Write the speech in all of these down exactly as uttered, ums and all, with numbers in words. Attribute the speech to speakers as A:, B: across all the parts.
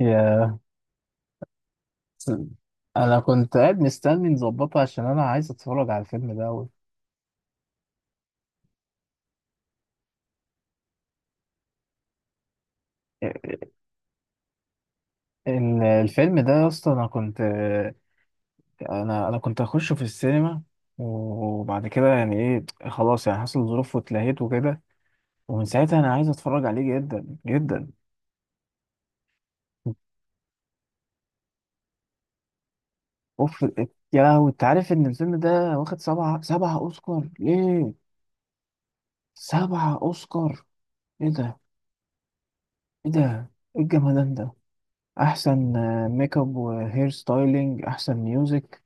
A: يا. انا كنت قاعد مستني نظبطها عشان انا عايز اتفرج على الفيلم ده أوي. ال- الفيلم ده يا اسطى انا كنت. انا انا كنت اخشه في السينما. وبعد كده يعني ايه، خلاص، يعني حصل ظروف واتلهيت وكده. ومن ساعتها انا عايز اتفرج عليه جدا جدا. اوف. يا لهوي، انت عارف ان الفيلم ده واخد سبعة سبعة اوسكار ليه؟ سبعة اوسكار. ايه ده؟ ايه ده؟ ايه الجمدان ده؟ احسن آه، ميك اب وهير ستايلينج. احسن ميوزك.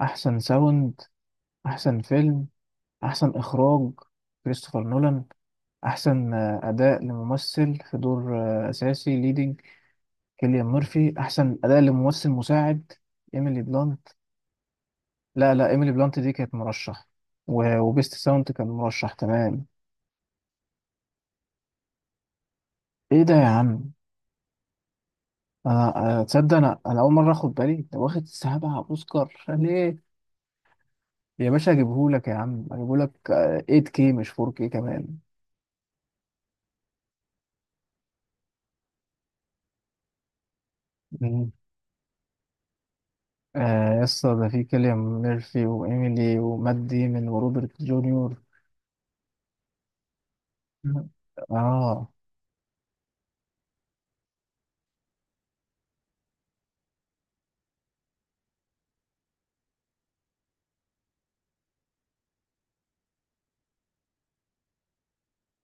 A: احسن ساوند. احسن فيلم. احسن اخراج، كريستوفر نولان. احسن آه، اداء لممثل في دور آه، اساسي، ليدنج. كيليان ميرفي. احسن اداء لممثل مساعد، ايميلي بلانت. لا لا، ايميلي بلانت دي كانت مرشح. و- وبيست ساوند كان مرشح. تمام. ايه ده يا عم؟ انا، أنا- تصدق، انا انا اول مره اخد بالي ده واخد سبعة اوسكار ليه. يا باشا هجيبهولك، يا عم هجيبهولك آه، إيت كيه مش فور كيه كمان. مم. آه، يا اسطى ده في كيليان ميرفي وإيميلي ومات ديمون وروبرت جونيور. مم. اه.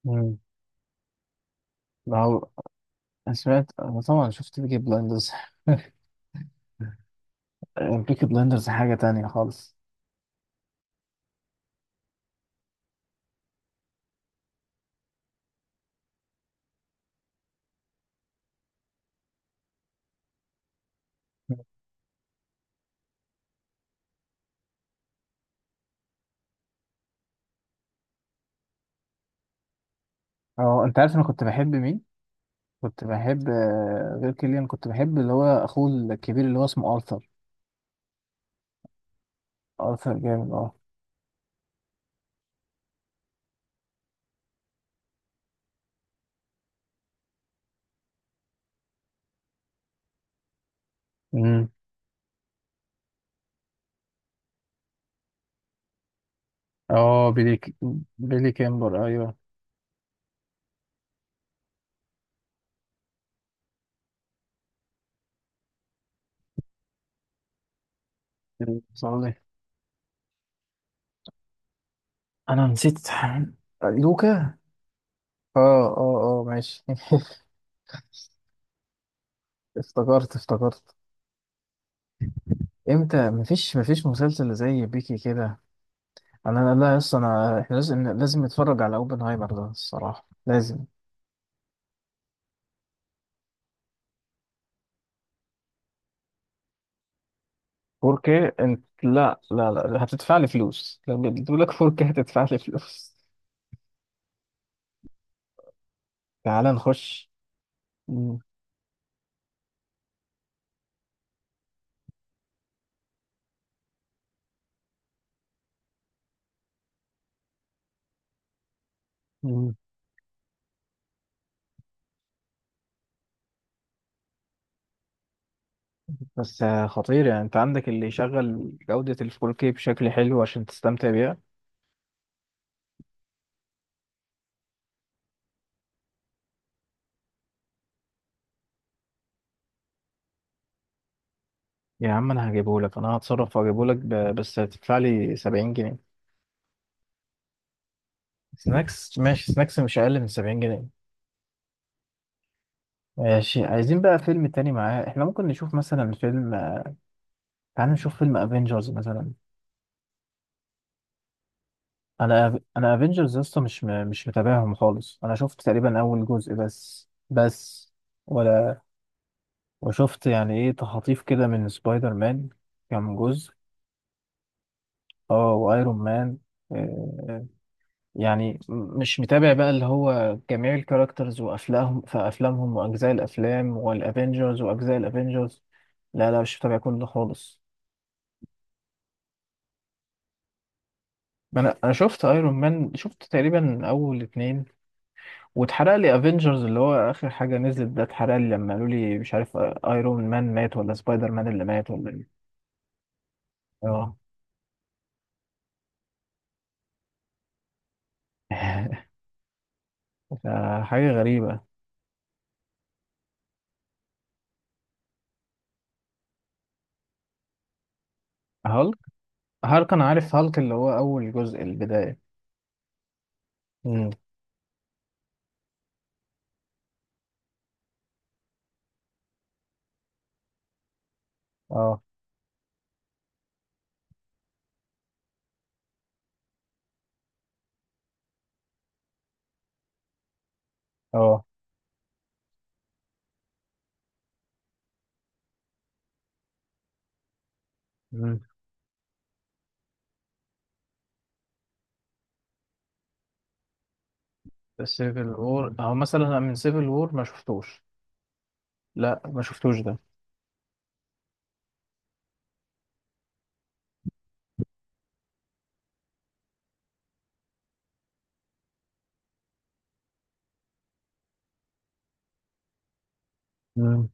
A: مم. ما هو، أنا سمعت أنا طبعا شفت بيكي بلايندرز. بيكي بلايندرز حاجة تانية خالص. اه، انت عارف انا كنت بحب مين؟ كنت بحب آه، غير كيليان، كنت بحب اللي هو اخوه الكبير اللي هو اسمه ارثر. ارثر جامد، اه. مم. اه، بيلي ك... بيلي كامبر، ايوه. صالح. انا نسيت. لوكا. اه اه اه، ماشي. افتكرت افتكرت. امتى؟ مفيش مفيش مسلسل زي بيكي كده. انا، لا لا، يا اسطى، انا احنا لازم لازم نتفرج على اوبنهايمر ده الصراحه، لازم. فور كيه. انت لا لا لا، هتدفع لي فلوس، لو بيقول لك فور كيه هتدفع لي فلوس. تعال نخش. مم. مم. بس آه، خطير يعني، انت عندك اللي يشغل جودة ال فور كيه بشكل حلو عشان تستمتع بيها. يا عم انا هجيبهولك، انا هتصرف واجيبهولك، ب- بس هتدفع لي سبعين جنيه. سناكس، ماشي، سناكس مش اقل من سبعين جنيه. ماشي. عايزين بقى فيلم تاني معاه، احنا ممكن نشوف مثلا فيلم. تعال نشوف فيلم افنجرز مثلا. انا انا افنجرز يا اسطى مش م... مش متابعهم خالص. انا شفت تقريبا اول جزء بس بس. ولا. وشفت يعني ايه تخاطيف كده من سبايدر مان. كام جزء؟ اه، وايرون مان. آه، يعني م- مش متابع بقى اللي هو جميع الكاركترز وافلامهم في افلامهم واجزاء الافلام والافينجرز واجزاء الافينجرز. لا لا، مش متابع كل ده خالص. ما انا انا شفت ايرون مان، شفت تقريبا اول اتنين. واتحرق لي افينجرز اللي هو اخر حاجه نزلت ده، اتحرق لي لما قالوا لي مش عارف، ايرون مان مات ولا سبايدر مان اللي مات ولا ايه. اه. ده حاجه غريبه. هالك. هالك، انا عارف هالك اللي هو اول جزء البدايه. امم. اه. اه. سيفل وور، او مثلا أنا من سيفل وور ما شفتوش. لا، ما شفتوش ده. مم.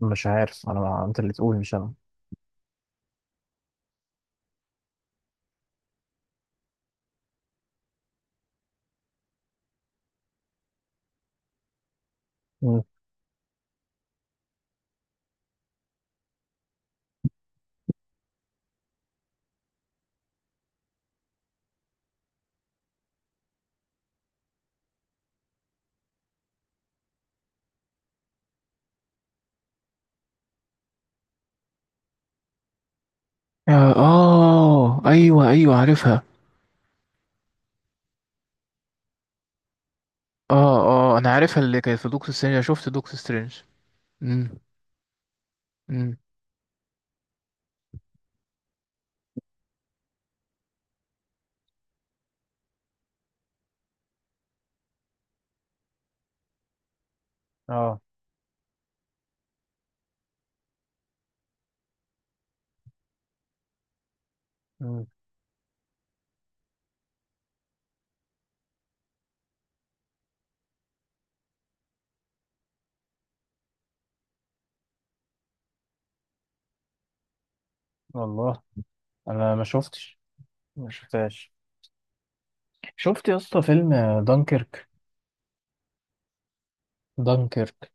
A: مش عارف، انا، ما انت اللي تقول مش انا. مم. اه، آه، ايوه ايوه، عارفها. اه اه، انا عارفها اللي كانت في دكتور سترينج. أنا شفت دكتور سترينج. امم. امم. اه. مم. والله انا ما شفتش. ما شفتهاش. شفت يا اسطى فيلم؟ دانكيرك. دانكيرك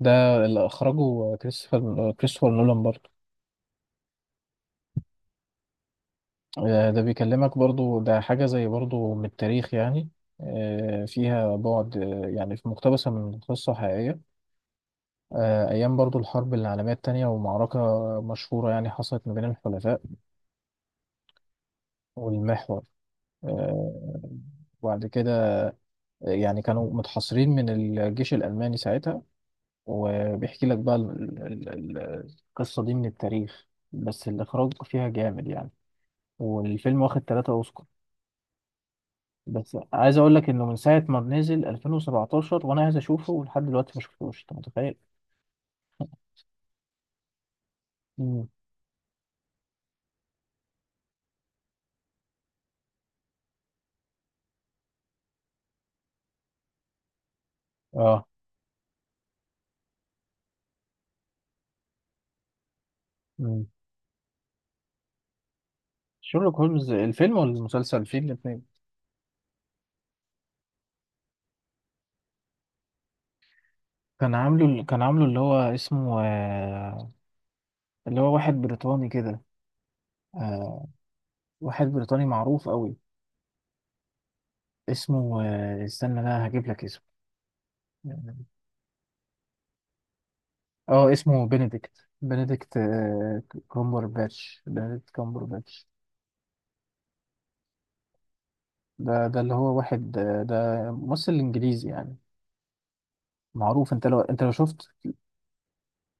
A: ده اللي اخرجه كريستوفر كريستوفر نولان برضه. آه، ده بيكلمك برضو، ده حاجة زي برضو من التاريخ يعني. آه، فيها بعد آه، يعني في، مقتبسة من قصة حقيقية. آه، أيام برضو الحرب العالمية التانية، ومعركة مشهورة يعني حصلت ما بين الحلفاء والمحور. آه، وبعد كده آه، يعني كانوا متحصرين من الجيش الألماني ساعتها. وبيحكي لك بقى ال- ال- ال- القصة دي من التاريخ، بس الإخراج فيها جامد يعني. والفيلم واخد ثلاثة أوسكار. بس عايز اقول لك انه من ساعه ما نزل ألفين وسبعة عشر وانا عايز اشوفه، ولحد دلوقتي ما شفتوش، انت متخيل. مم. اه. مم. شيرلوك هولمز الفيلم ولا المسلسل؟ الفيلم الاثنين. كان عامله كان عامله اللي هو اسمه آه، اللي هو واحد بريطاني كده. آه، واحد بريطاني معروف قوي. اسمه آه، استنى، لا هجيب لك اسمه. اه، آه، اسمه بنديكت، بنديكت آه، كامبر باتش. بنديكت كامبر باتش. ده ده اللي هو واحد، آه، ده ممثل انجليزي يعني معروف. انت لو انت لو شفت.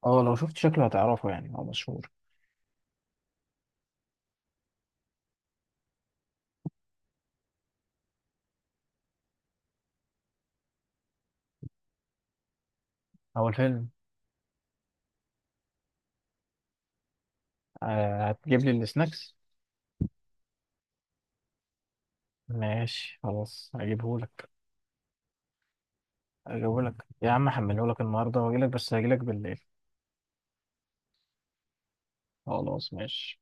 A: اه، لو شفت شكله هتعرفه، يعني هو مشهور. هو الفيلم. آه، هتجيب لي السناكس. ماشي خلاص، هجيبهولك. هجيبهولك يا عم، هحملهولك النهارده واجيلك، بس هجيلك بالليل. خلاص ماشي.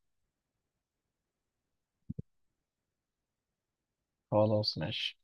A: خلاص ماشي.